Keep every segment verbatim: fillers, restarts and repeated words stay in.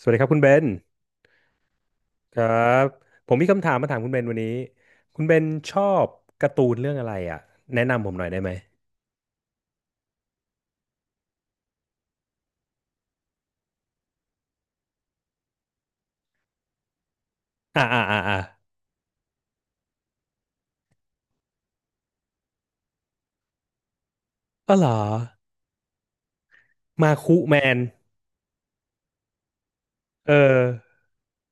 สวัสดีครับคุณเบนครับผมมีคำถามมาถามคุณเบนวันนี้คุณเบนชอบการ์ตูนเรื่องอะไรอ่ะแนะนำผมหน่อยได้ไหมอ่าอ่าอ่าอ่าอ๋อเหรอมาคุแมนเออ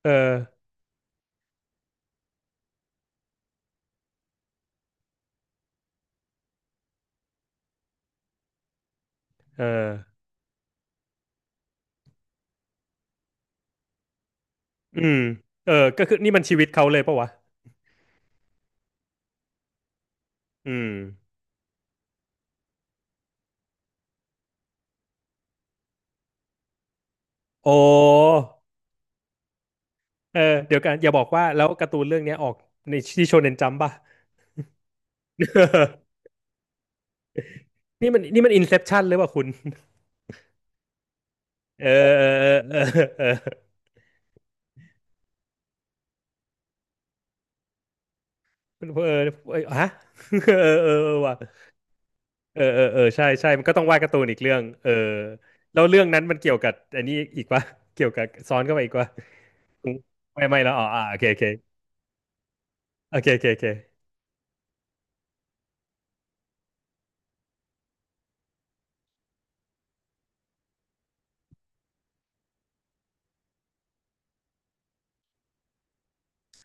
เออเอออืมเออก็คือนี่มันชีวิตเขาเลยปะวะอืมโอ้เออเดี๋ยวกันอย่าบอกว่าแล้วการ์ตูนเรื่องเนี้ยออกในที่โชเน็นจัมป์ป่ะ นี่มันนี่มันอินเซปชันเลยว่ะคุณเออเออเออเออเออเออเออฮะ เออเออเออว่ะ เออเออเออใช่ใช่มันก็ต้องวาดการ์ตูนอีกเรื่องเออแล้วเรื่องนั้นมันเกี่ยวกับอันนี้อีก่ะ เกี่ยวกับซ้อนเข้าไปอีกวะไม่ไม่แล้วอ๋ออ่าโอเคโอเคโอเคโอเคโอเค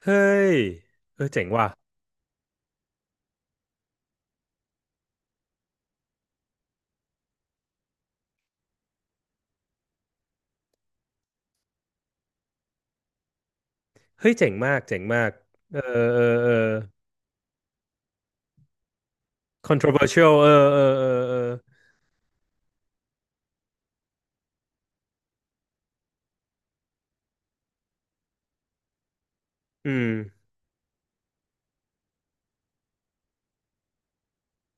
เฮ้ยเออเจ๋งว่ะเฮ้ยเจ๋งมากเจ๋งมากเออเออเออ controversial เออเออเออเอออืม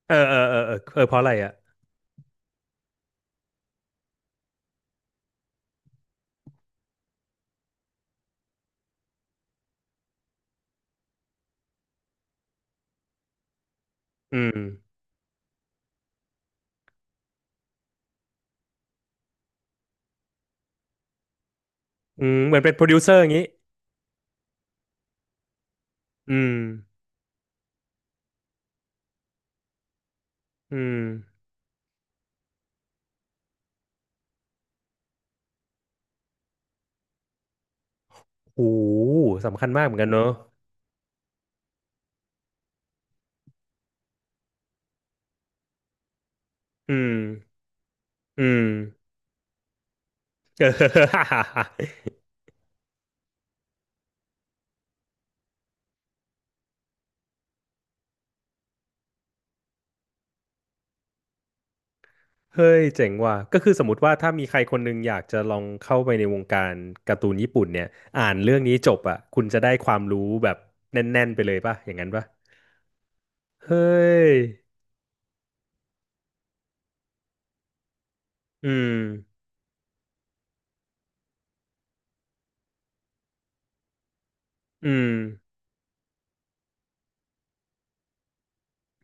เออเออเออเออเออเพราะอะไรอ่ะอืมอืมเหมือนเป็นโปรดิวเซอร์อย่างงี้อืมอืมโอ้โหสำคัญมากเหมือนกันเนอะอืมอืม เออ เฮ้ยเจ๋งว่ะก็คือสมมติว่าถ้ามีใครคนหนึงอยากจะลองเข้าไปในวงการการ์ตูนญี่ปุ่นเนี่ยอ่านเรื่องนี้จบอ่ะคุณจะได้ความรู้แบบแน่นๆไปเลยป่ะอย่างนั้นป่ะเฮ้ยอืมอืม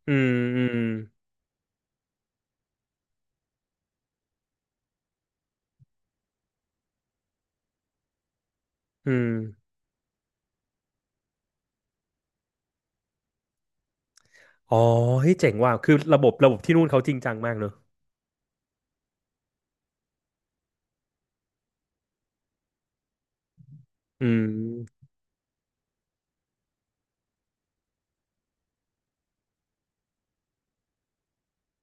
อืมอืมอืมอ๋อเฮ้ยเจ๋งว่ะคือระบบระบบที่นู่นเขาจริงจังมากเนอะอืม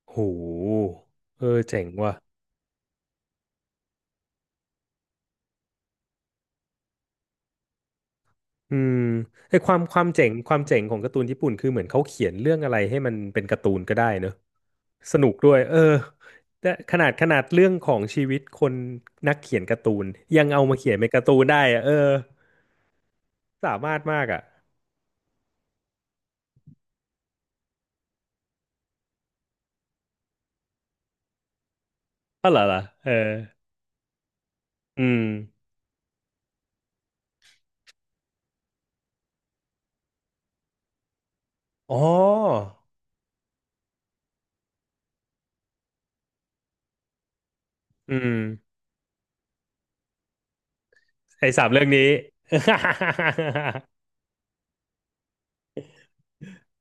โหเออเจ๋งว่ะ อืมไอ้ความความเจ๋งความเจ๋งของการ์ตูนญี่ปุ่นคือเหมือนเขาเขียนเรื่องอะไรให้มันเป็นการ์ตูนก็ได้เนอะสนุกด้วยเออแต่ขนาดขนาดเรื่องของชีวิตคนนักเขียนการ์ตูนยังเอามาเขียนเป็นการ์ตูนได้อะเออสามารถมากอ่ะอ๋อเหรอเหรอเอออืมอ๋ออืมไอ้สามเรื่องนี้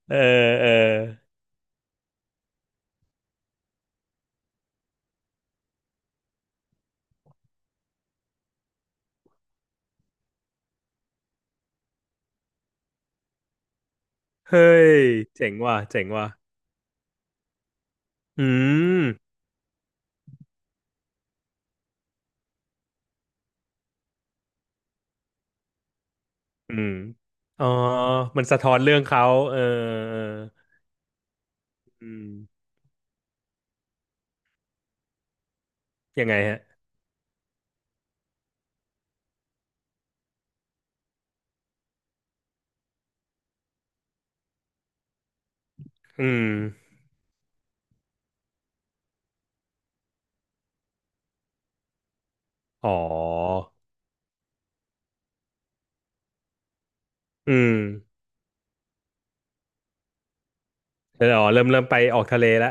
เออเออเฮ้ยเจ๋งว่ะเจ๋งว่ะอืม อืม อ๋อ มันสะท้อนเรื่องเขาเออเอออืมยังไงฮะอืมอ๋ออืมเอออ๋อ เริ่มเริ่มไปออกทะเลแล้ว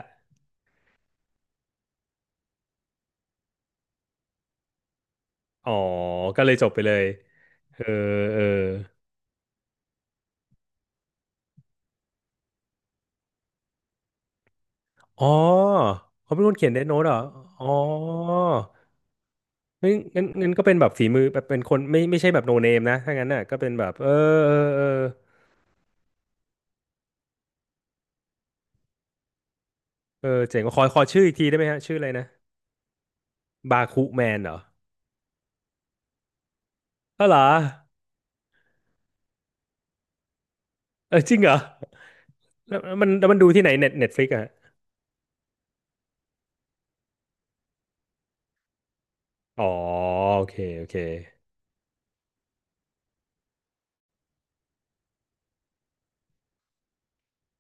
อ๋อ ก็เลยจบไปเลยเออเอออ๋อเขาเป็นคนเขียนเดธโน้ตเหรอ อ๋องั้นงั้นงั้นก็เป็นแบบฝีมือแบบเป็นคนไม่ไม่ใช่แบบโนเนมนะ ถ้างั้นน่ะก็เป็นแบบ เออเออเออเออเจ๋งขอขอชื่ออีกทีได้ไหมฮะ ชื่ออะไรนะบาคูแมนเหรออ๋อเหรอเออจริงเหรอ แล้วแล้วมันแล้วมันดูที่ไหนเน็ตเน็ตฟลิกอะอ๋อโอเคโอเค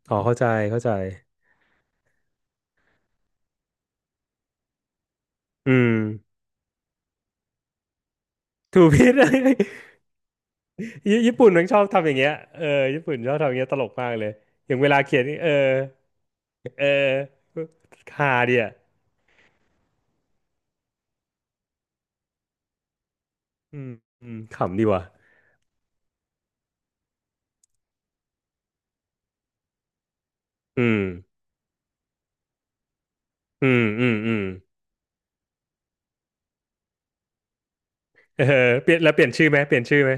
อ๋อเข้าใจเข้าใจอืมถูก พิษ ญี่ญี่ปุ่นมันชอบทำอย่างเงี้ยเออญี่ปุ่นชอบทำอย่างเงี้ยตลกมากเลยอย่างเวลาเขียนนี่เออเออฮาดีอ่ะอืมอืมขำดีว่ะอืมอืมอืมอืมเออเปลี่ยนแล้วเปลี่ยนชื่อไหมเปลี่ยนชื่อไหม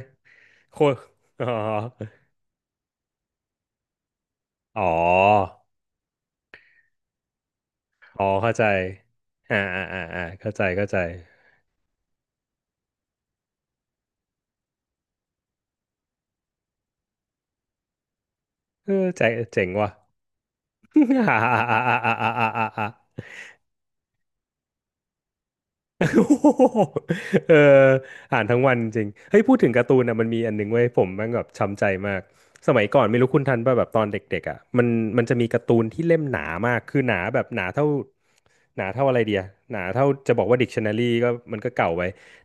โคอ๋ออ๋ออ๋อเข้าใจอ่าอ่าอ่าอ่าเข้าใจเข้าใจเออใจเจ๋งว่ะ อ่าอ่าอ่าอ่าอ่าอ่าอ่าอ่าโอ้โหเอออ่านทั้งวันจริงเฮ้ยพูดถึงการ์ตูนอ่ะมันมีอันหนึ่งเว้ยผมแมันแบบช้ำใจมากสมัยก่อนไม่รู้คุณทันป่ะแบบตอนเด็กๆอ่ะมันมันจะมีการ์ตูนที่เล่มหนามากคือหนาแบบหนาเท่าหนาเท่าอะไรเดียหนาเท่าจะบอกว่าดิกชันนารีก็มันก็เก่าไป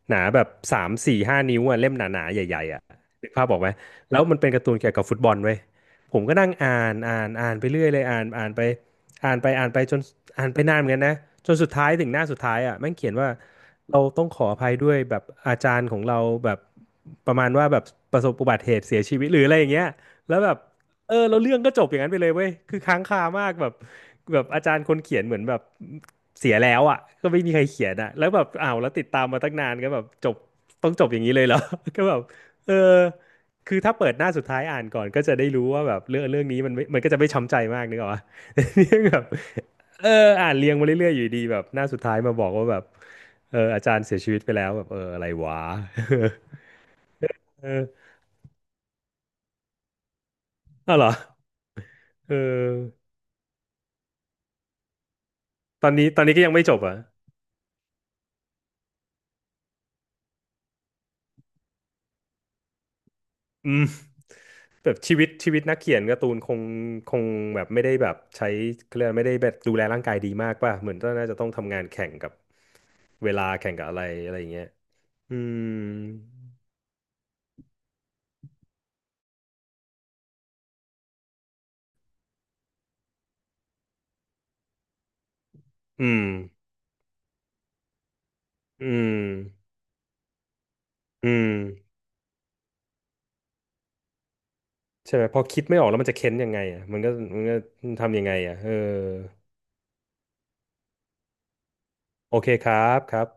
หนาแบบสามสี่ห้านิ้วอ่ะเล่มหนาๆใหญ่ๆอ่ะนึกภาพออกไหมแล้วมันเป็นการ์ตูนเกี่ยวกับฟุตบอลเว้ยผมก็นั่งอ่านอ่านอ่านไปเรื่อยเลยอ่านอ่านไป อ่านไปอ่านไปจนอ่านไปนานเหมือนกันนะจนสุดท้ายถึงหน้าสุดท้ายอ่ะแม่งเขียนว่าเราต้องขออภัยด้วยแบบอาจารย์ของเราแบบประมาณว่าแบบประสบอุบัติเหตุเสียชีวิตหรืออะไรอย่างเงี้ยแล้วแบบเออแล้วเรื่องก็จบอย่างนั้นไปเลยเว้ยคือค้างคามากแบบแบบอาจารย์คนเขียนเหมือนแบบเสียแล้วอ่ะก็ไม่มีใครเขียนอ่ะแล้วแบบอ้าวแล้วติดตามมาตั้งนานก็แบบจบต้องจบอย่างนี้เลยเหรอ ก็แบบเออคือถ้าเปิดหน้าสุดท้ายอ่านก่อนก็จะได้รู้ว่าแบบเรื่องเรื่องนี้มันไม่มันก็จะไม่ช้ำใจมากนึกออกปะ เนี่ยแบบเอออ่านเรียงมาเรื่อยๆอยู่ดีแบบหน้าสุดท้ายมาบอกว่าแบบเอออาจารย์เสียชีวิตไปแล้วแบบเอออะไรวะ เอออ้าวเหรอเออตอนนี้ตอนนี้ก็ยังไม่จบอ่ะอืมแบบชีวิตชีวิตนักเขียนการ์ตูนคงคงแบบไม่ได้แบบใช้เขาเรียกว่าไม่ได้แบบดูแลร่างกายดีมากป่ะเหมือนก็น่าจะต้องทำงานแข่งกับเวลาแข่งกับอะไรอะไรอย่างเงี้ยอืมอืมอืมอืม ใช่ไหมพอคิดไม่ออกแล้วมันจะเค้นยังไงอ่ะมันก็มันก็ทำยังไงอ่ะเออโอเคครับครับ